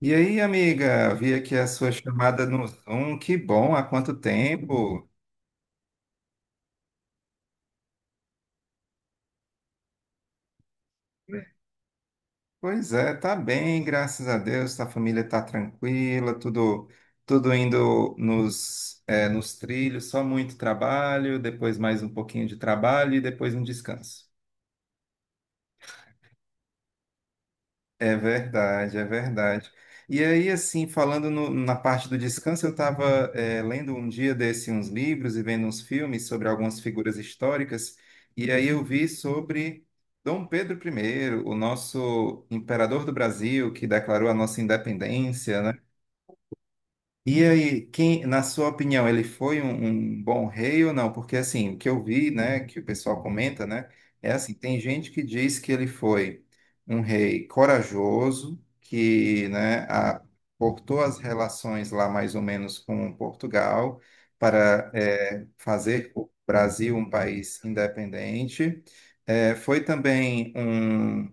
E aí, amiga, vi aqui a sua chamada no Zoom. Que bom, há quanto tempo? Pois é, tá bem, graças a Deus. A família tá tranquila, tudo indo nos trilhos, só muito trabalho, depois mais um pouquinho de trabalho e depois um descanso. É verdade, é verdade. E aí, assim, falando na parte do descanso, eu estava lendo um dia desse uns livros e vendo uns filmes sobre algumas figuras históricas, e aí eu vi sobre Dom Pedro I, o nosso imperador do Brasil, que declarou a nossa independência, né? E aí, quem, na sua opinião, ele foi um bom rei ou não? Porque assim, o que eu vi, né, que o pessoal comenta, né, é assim, tem gente que diz que ele foi um rei corajoso, que, né, cortou as relações lá mais ou menos com Portugal para fazer o Brasil um país independente. Foi também um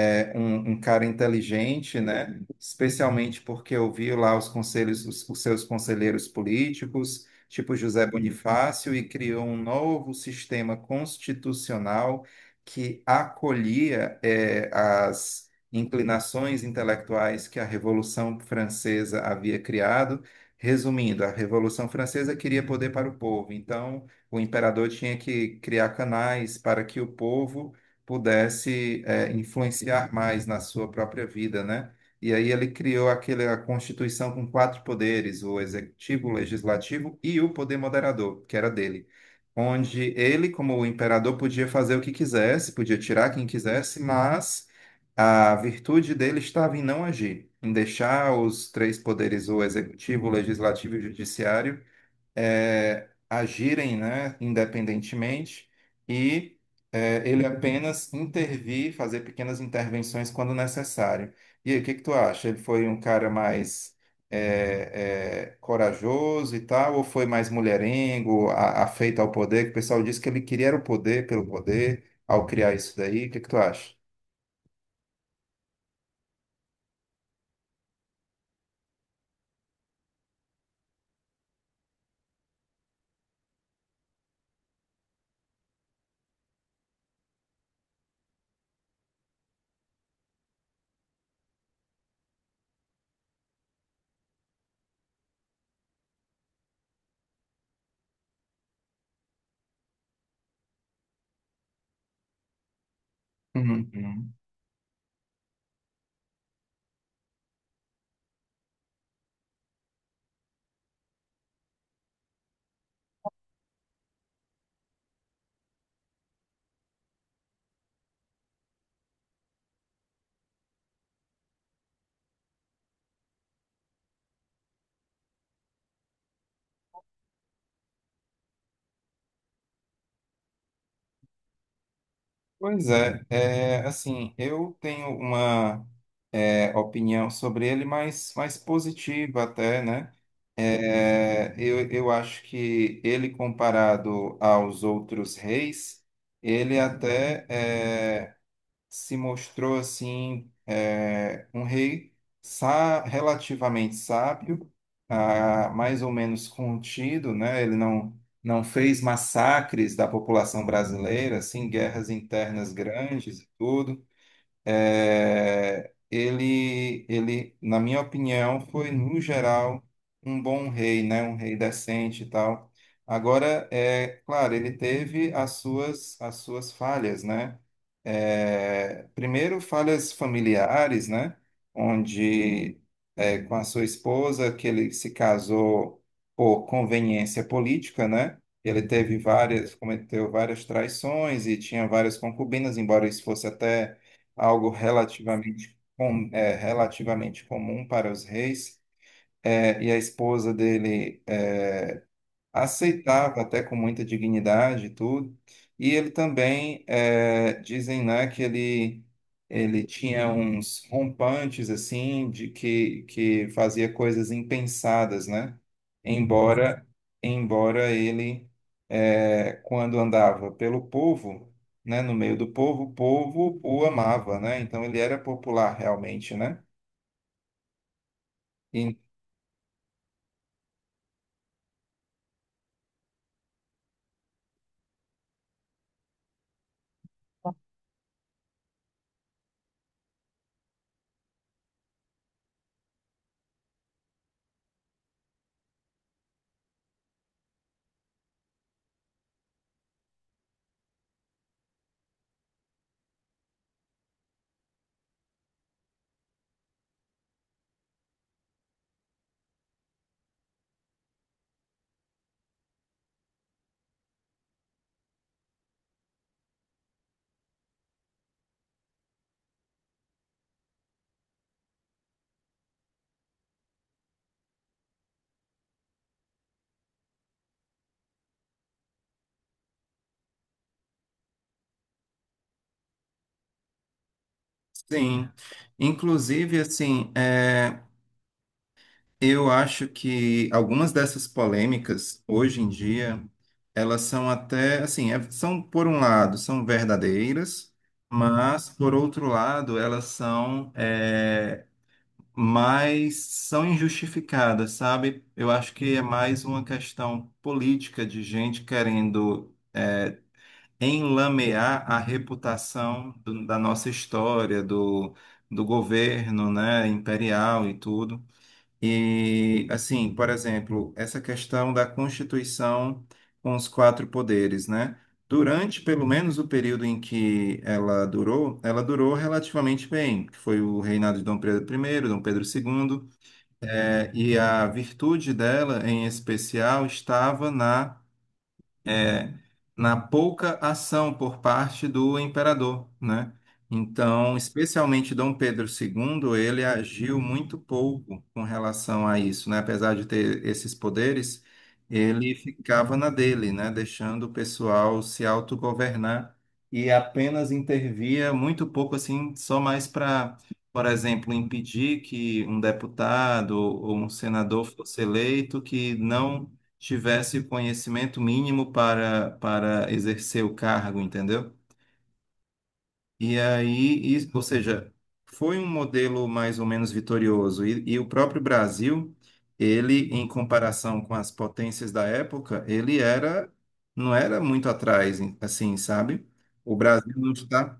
é, um, um cara inteligente, né? Especialmente porque ouviu lá os conselhos, os seus conselheiros políticos, tipo José Bonifácio, e criou um novo sistema constitucional que acolhia, é, as inclinações intelectuais que a Revolução Francesa havia criado. Resumindo, a Revolução Francesa queria poder para o povo, então o imperador tinha que criar canais para que o povo pudesse influenciar mais na sua própria vida, né? E aí ele criou a Constituição com quatro poderes, o executivo, o legislativo e o poder moderador, que era dele. Onde ele, como o imperador, podia fazer o que quisesse, podia tirar quem quisesse, mas a virtude dele estava em não agir, em deixar os três poderes, o executivo, o legislativo e o judiciário, agirem, né, independentemente e ele apenas intervir, fazer pequenas intervenções quando necessário. E aí, o que que tu acha? Ele foi um cara mais corajoso e tal, ou foi mais mulherengo, afeito ao poder? Que o pessoal disse que ele queria era o poder pelo poder ao criar isso daí. O que que tu acha? Uhum. Pois é, é, assim, eu tenho uma opinião sobre ele mais positiva até, né? É, eu acho que ele, comparado aos outros reis, ele até se mostrou assim um rei relativamente sábio, ah, mais ou menos contido, né? Ele não fez massacres da população brasileira, assim, guerras internas grandes e tudo. É, ele, na minha opinião, foi, no geral, um bom rei, né? Um rei decente e tal. Agora, é claro, ele teve as suas falhas, né? É, primeiro, falhas familiares, né? Onde, é, com a sua esposa, que ele se casou por conveniência política, né? Ele teve cometeu várias traições e tinha várias concubinas, embora isso fosse até algo relativamente comum para os reis. É, e a esposa dele. É, aceitava até com muita dignidade e tudo. E ele também, dizem, né, ele tinha uns rompantes, assim, que fazia coisas impensadas, né? Embora, embora ele, quando andava pelo povo, né, no meio do povo, o povo o amava, né? Então ele era popular realmente, né? E- sim. Inclusive, assim, eu acho que algumas dessas polêmicas, hoje em dia, elas são até, assim, são, por um lado, são verdadeiras, mas, por outro lado, elas mais, são injustificadas, sabe? Eu acho que é mais uma questão política de gente querendo enlamear a reputação da nossa história, do governo, né, imperial e tudo. E, assim, por exemplo, essa questão da Constituição com os quatro poderes, né? Durante, pelo menos, o período em que ela durou relativamente bem, que foi o reinado de Dom Pedro I, Dom Pedro II, e a virtude dela, em especial, estava é, na pouca ação por parte do imperador, né? Então, especialmente Dom Pedro II, ele agiu muito pouco com relação a isso, né? Apesar de ter esses poderes, ele ficava na dele, né? Deixando o pessoal se autogovernar e apenas intervia muito pouco, assim, só mais para, por exemplo, impedir que um deputado ou um senador fosse eleito que não tivesse o conhecimento mínimo para exercer o cargo, entendeu? E aí, ou seja, foi um modelo mais ou menos vitorioso. E o próprio Brasil, ele, em comparação com as potências da época, ele era, não era muito atrás, assim, sabe? O Brasil não está,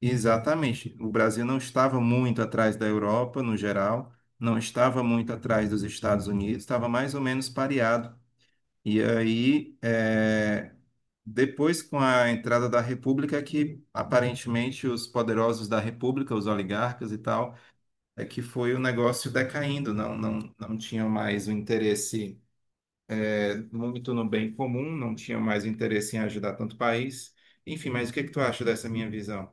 exatamente, o Brasil não estava muito atrás da Europa, no geral, não estava muito atrás dos Estados Unidos, estava mais ou menos pareado e aí, é, depois com a entrada da República, é que aparentemente os poderosos da República, os oligarcas e tal, é que foi o negócio decaindo, não tinham mais o interesse muito no bem comum, não tinham mais o interesse em ajudar tanto o país. Enfim, mas o que que tu acha dessa minha visão?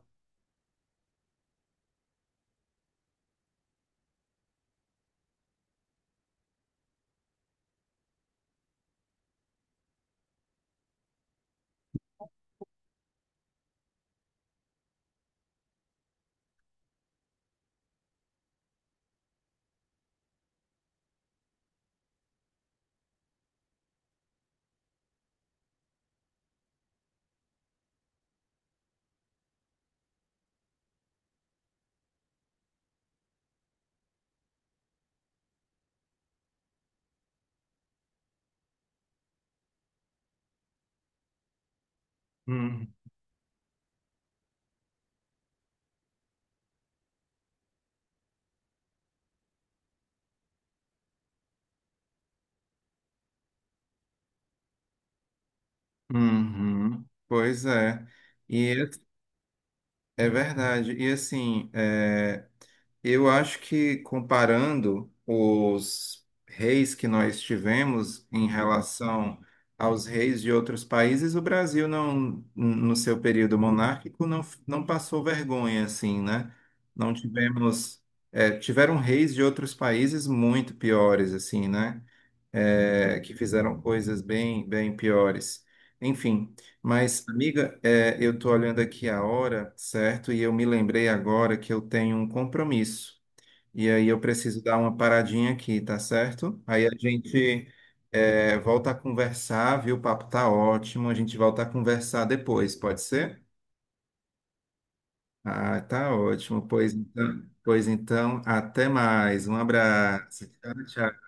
Hum. Uhum. Pois é. E é verdade. E assim, é, eu acho que comparando os reis que nós tivemos em relação aos reis de outros países, o Brasil não, no seu período monárquico, não passou vergonha, assim, né? Não tivemos, é, tiveram reis de outros países muito piores, assim, né? É, que fizeram coisas bem piores. Enfim, mas, amiga, é, eu estou olhando aqui a hora, certo? E eu me lembrei agora que eu tenho um compromisso. E aí eu preciso dar uma paradinha aqui, tá certo? Aí a gente volta a conversar, viu? O papo tá ótimo. A gente volta a conversar depois, pode ser? Ah, tá ótimo. Pois então, até mais. Um abraço. Tchau, tchau.